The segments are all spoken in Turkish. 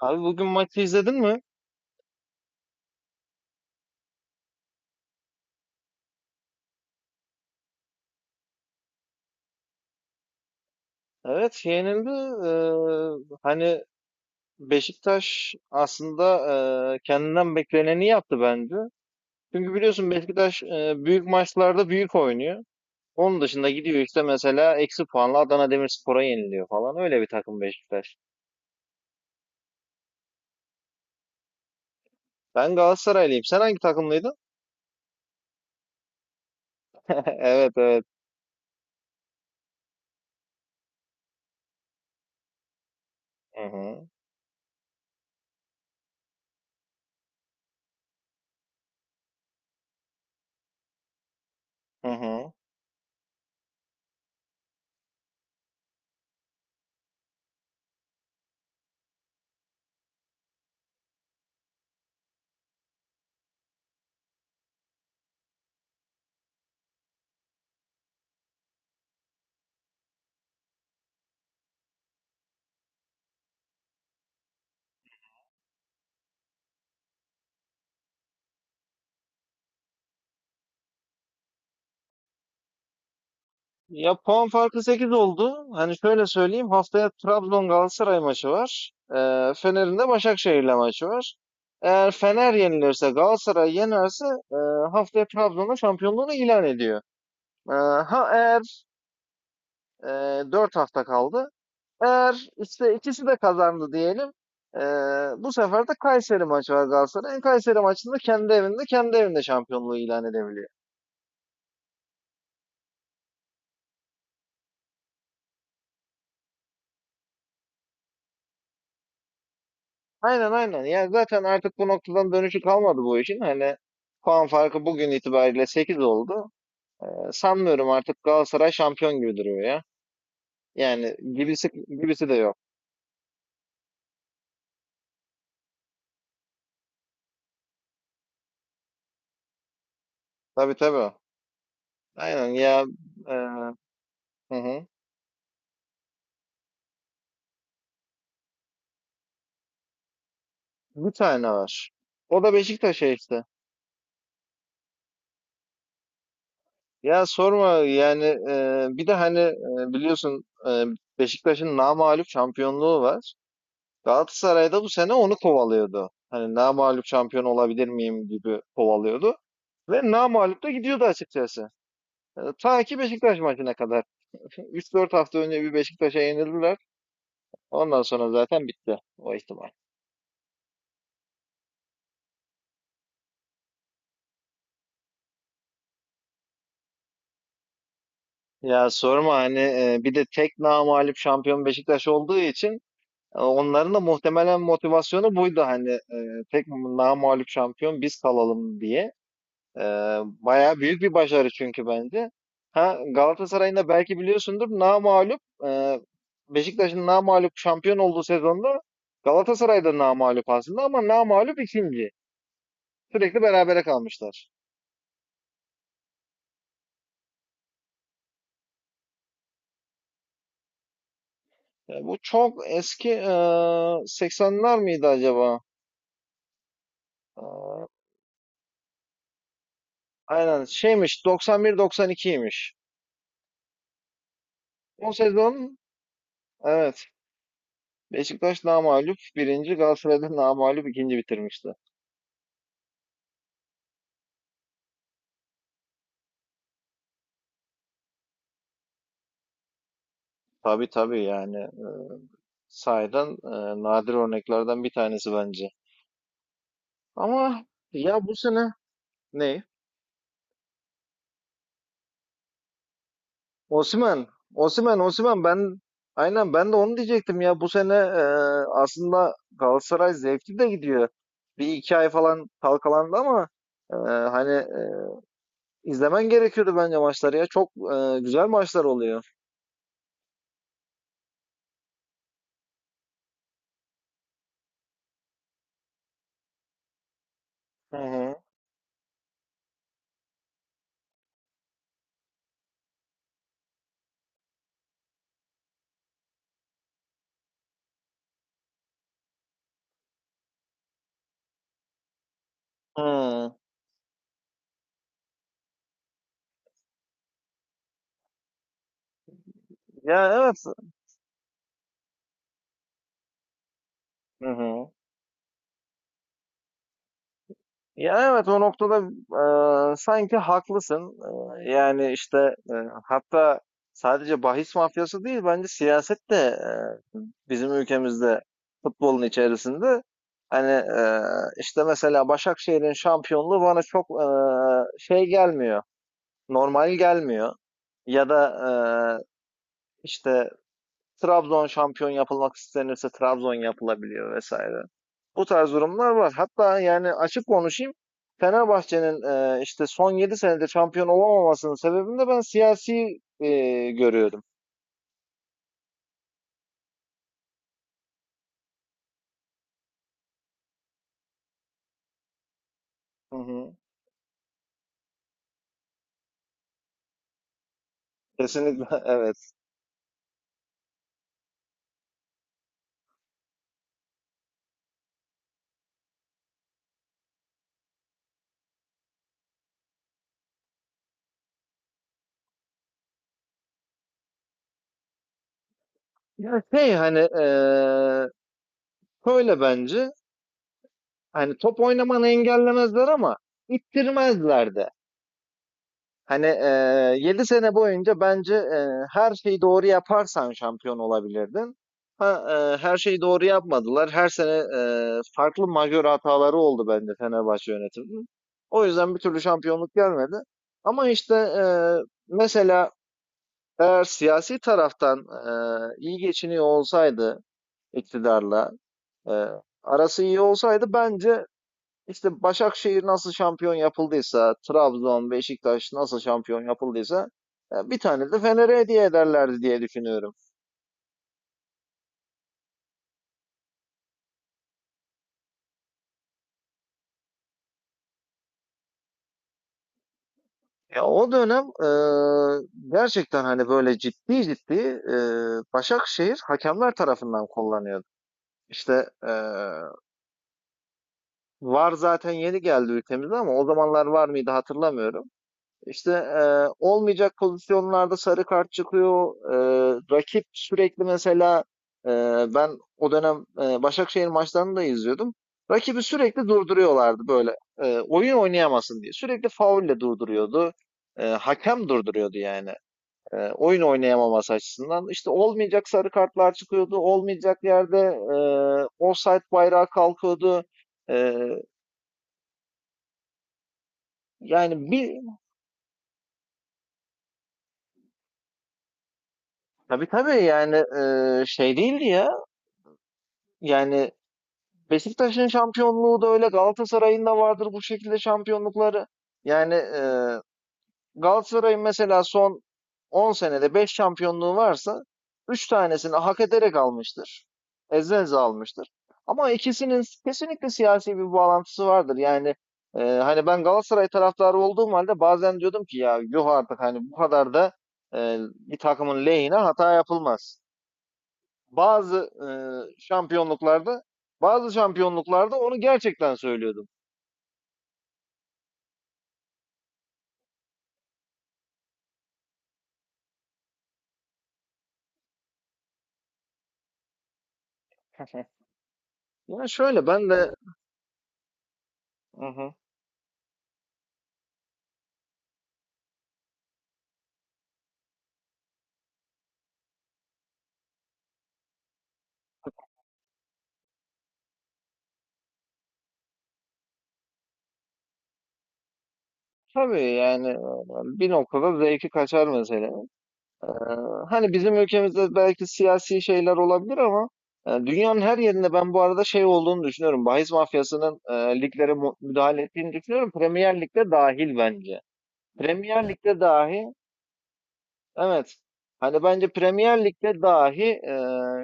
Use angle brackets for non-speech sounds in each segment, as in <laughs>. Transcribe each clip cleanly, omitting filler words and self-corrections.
Abi bugün maçı izledin mi? Evet, şey, yenildi. Hani Beşiktaş aslında kendinden bekleneni yaptı bence. Çünkü biliyorsun Beşiktaş büyük maçlarda büyük oynuyor. Onun dışında gidiyor işte, mesela eksi puanla Adana Demirspor'a yeniliyor falan. Öyle bir takım Beşiktaş. Ben Galatasaraylıyım. Sen hangi takımlıydın? <laughs> Evet, evet. Hı hı. Hı hı. Ya puan farkı 8 oldu. Hani şöyle söyleyeyim. Haftaya Trabzon Galatasaray maçı var. Fener'in de Başakşehir'le maçı var. Eğer Fener yenilirse, Galatasaray yenerse e, haftaya Trabzon'da şampiyonluğunu ilan ediyor. Ee, ha eğer e, 4 hafta kaldı. Eğer işte ikisi de kazandı diyelim, e, bu sefer de Kayseri maçı var Galatasaray'ın. Kayseri maçında kendi evinde, kendi evinde şampiyonluğu ilan edebiliyor. Aynen, aynen. Ya zaten artık bu noktadan dönüşü kalmadı bu işin. Hani puan farkı bugün itibariyle 8 oldu. Sanmıyorum artık, Galatasaray şampiyon gibi duruyor ya. Yani gibisi gibisi de yok. Tabii, tabii. Aynen ya. e, hı hı. Bir tane var. O da Beşiktaş'a işte. Ya sorma yani, bir de hani biliyorsun, Beşiktaş'ın namağlup şampiyonluğu var. Galatasaray'da bu sene onu kovalıyordu. Hani namağlup şampiyon olabilir miyim gibi kovalıyordu. Ve namağlup da gidiyordu açıkçası. Ta ki Beşiktaş maçına kadar. <laughs> 3-4 hafta önce bir Beşiktaş'a yenildiler. Ondan sonra zaten bitti o ihtimal. Ya sorma hani, bir de tek namağlup şampiyon Beşiktaş olduğu için onların da muhtemelen motivasyonu buydu, hani tek namağlup şampiyon biz kalalım diye. Ee, Bayağı büyük bir başarı çünkü bence. Ha, Galatasaray'ın da belki biliyorsundur, namağlup, e, Beşiktaş'ın namağlup şampiyon olduğu sezonda Galatasaray'da da namağlup aslında, ama namağlup ikinci. Sürekli berabere kalmışlar. Yani bu çok eski, 80'ler miydi acaba? E, aynen, şeymiş, 91-92'ymiş. O sezon, evet, Beşiktaş namağlup birinci, Galatasaray'da namağlup ikinci bitirmişti. Tabii, tabii yani, sahiden nadir örneklerden bir tanesi bence. Ama ya, bu sene ne? Osimhen, Osimhen, Osimhen, ben aynen ben de onu diyecektim ya. Bu sene aslında Galatasaray zevkli de gidiyor. Bir iki ay falan kalkalandı ama e, hani, izlemen gerekiyordu bence maçları ya. Çok güzel maçlar oluyor. Hı hı. Hı. Ya evet. Hı hı. Ya evet, o noktada sanki haklısın. Yani işte, e, hatta sadece bahis mafyası değil, bence siyaset de bizim ülkemizde futbolun içerisinde. Hani işte mesela Başakşehir'in şampiyonluğu bana çok şey gelmiyor, normal gelmiyor. Ya da, işte Trabzon şampiyon yapılmak istenirse Trabzon yapılabiliyor vesaire. Bu tarz durumlar var. Hatta yani, açık konuşayım. Fenerbahçe'nin, işte son 7 senede şampiyon olamamasının sebebini de ben siyasi görüyordum. Hı hı. Kesinlikle <laughs> evet. Yani şey, hani, şöyle bence, hani top oynamanı engellemezler ama ittirmezler de. Hani 7 sene boyunca bence her şeyi doğru yaparsan şampiyon olabilirdin. Ha, her şeyi doğru yapmadılar. Her sene farklı majör hataları oldu bence Fenerbahçe yönetiminin. O yüzden bir türlü şampiyonluk gelmedi. Ama işte, mesela eğer siyasi taraftan iyi geçiniyor olsaydı iktidarla, eee, arası iyi olsaydı bence işte Başakşehir nasıl şampiyon yapıldıysa, Trabzon, Beşiktaş nasıl şampiyon yapıldıysa bir tane de Fener'e hediye ederlerdi diye düşünüyorum. Ya o dönem gerçekten hani böyle ciddi ciddi e, Başakşehir hakemler tarafından kullanıyordu. İşte VAR zaten yeni geldi ülkemize, ama o zamanlar var mıydı hatırlamıyorum. İşte olmayacak pozisyonlarda sarı kart çıkıyor. Rakip sürekli, mesela e, ben o dönem Başakşehir maçlarını da izliyordum. Rakibi sürekli durduruyorlardı böyle. E, oyun oynayamasın diye. Sürekli faulle durduruyordu. Hakem durduruyordu yani, oyun oynayamaması açısından. İşte olmayacak sarı kartlar çıkıyordu. Olmayacak yerde offside bayrağı kalkıyordu. E, yani bir, tabii, tabii yani, şey değildi ya. Yani Beşiktaş'ın şampiyonluğu da öyle, Galatasaray'ın da vardır bu şekilde şampiyonlukları. Yani Galatasaray'ın mesela son 10 senede 5 şampiyonluğu varsa, 3 tanesini hak ederek almıştır. Eze eze almıştır. Ama ikisinin kesinlikle siyasi bir bağlantısı vardır. Yani hani ben Galatasaray taraftarı olduğum halde bazen diyordum ki, ya yuh artık, hani bu kadar da bir takımın lehine hata yapılmaz bazı şampiyonluklarda, bazı şampiyonluklarda onu gerçekten söylüyordum. <laughs> Yani şöyle ben de, hı hı, tabii yani, bir noktada zevki kaçar mesela. E, Hani bizim ülkemizde belki siyasi şeyler olabilir, ama dünyanın her yerinde ben bu arada şey olduğunu düşünüyorum. Bahis mafyasının liglere mu- müdahale ettiğini düşünüyorum. Premier Lig'de dahil bence. Premier Lig'de dahi. Evet. Hani bence Premier Lig'de dahi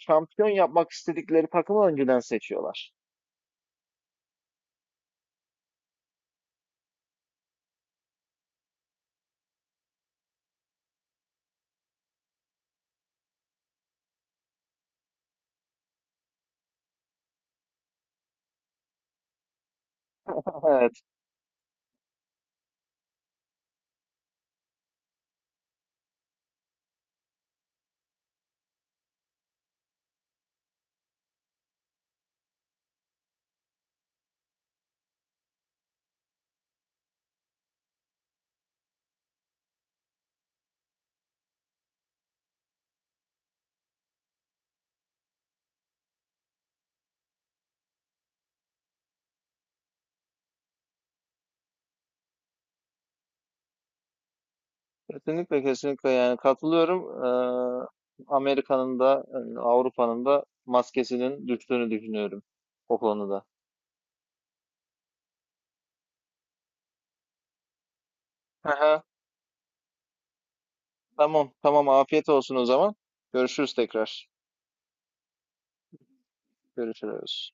şampiyon yapmak istedikleri takımı önceden seçiyorlar. Evet. Kesinlikle, kesinlikle yani, katılıyorum. Amerika'nın da, Avrupa'nın da maskesinin düştüğünü düşünüyorum o konuda. Aha, tamam, tamam, afiyet olsun o zaman. Görüşürüz tekrar. Görüşürüz.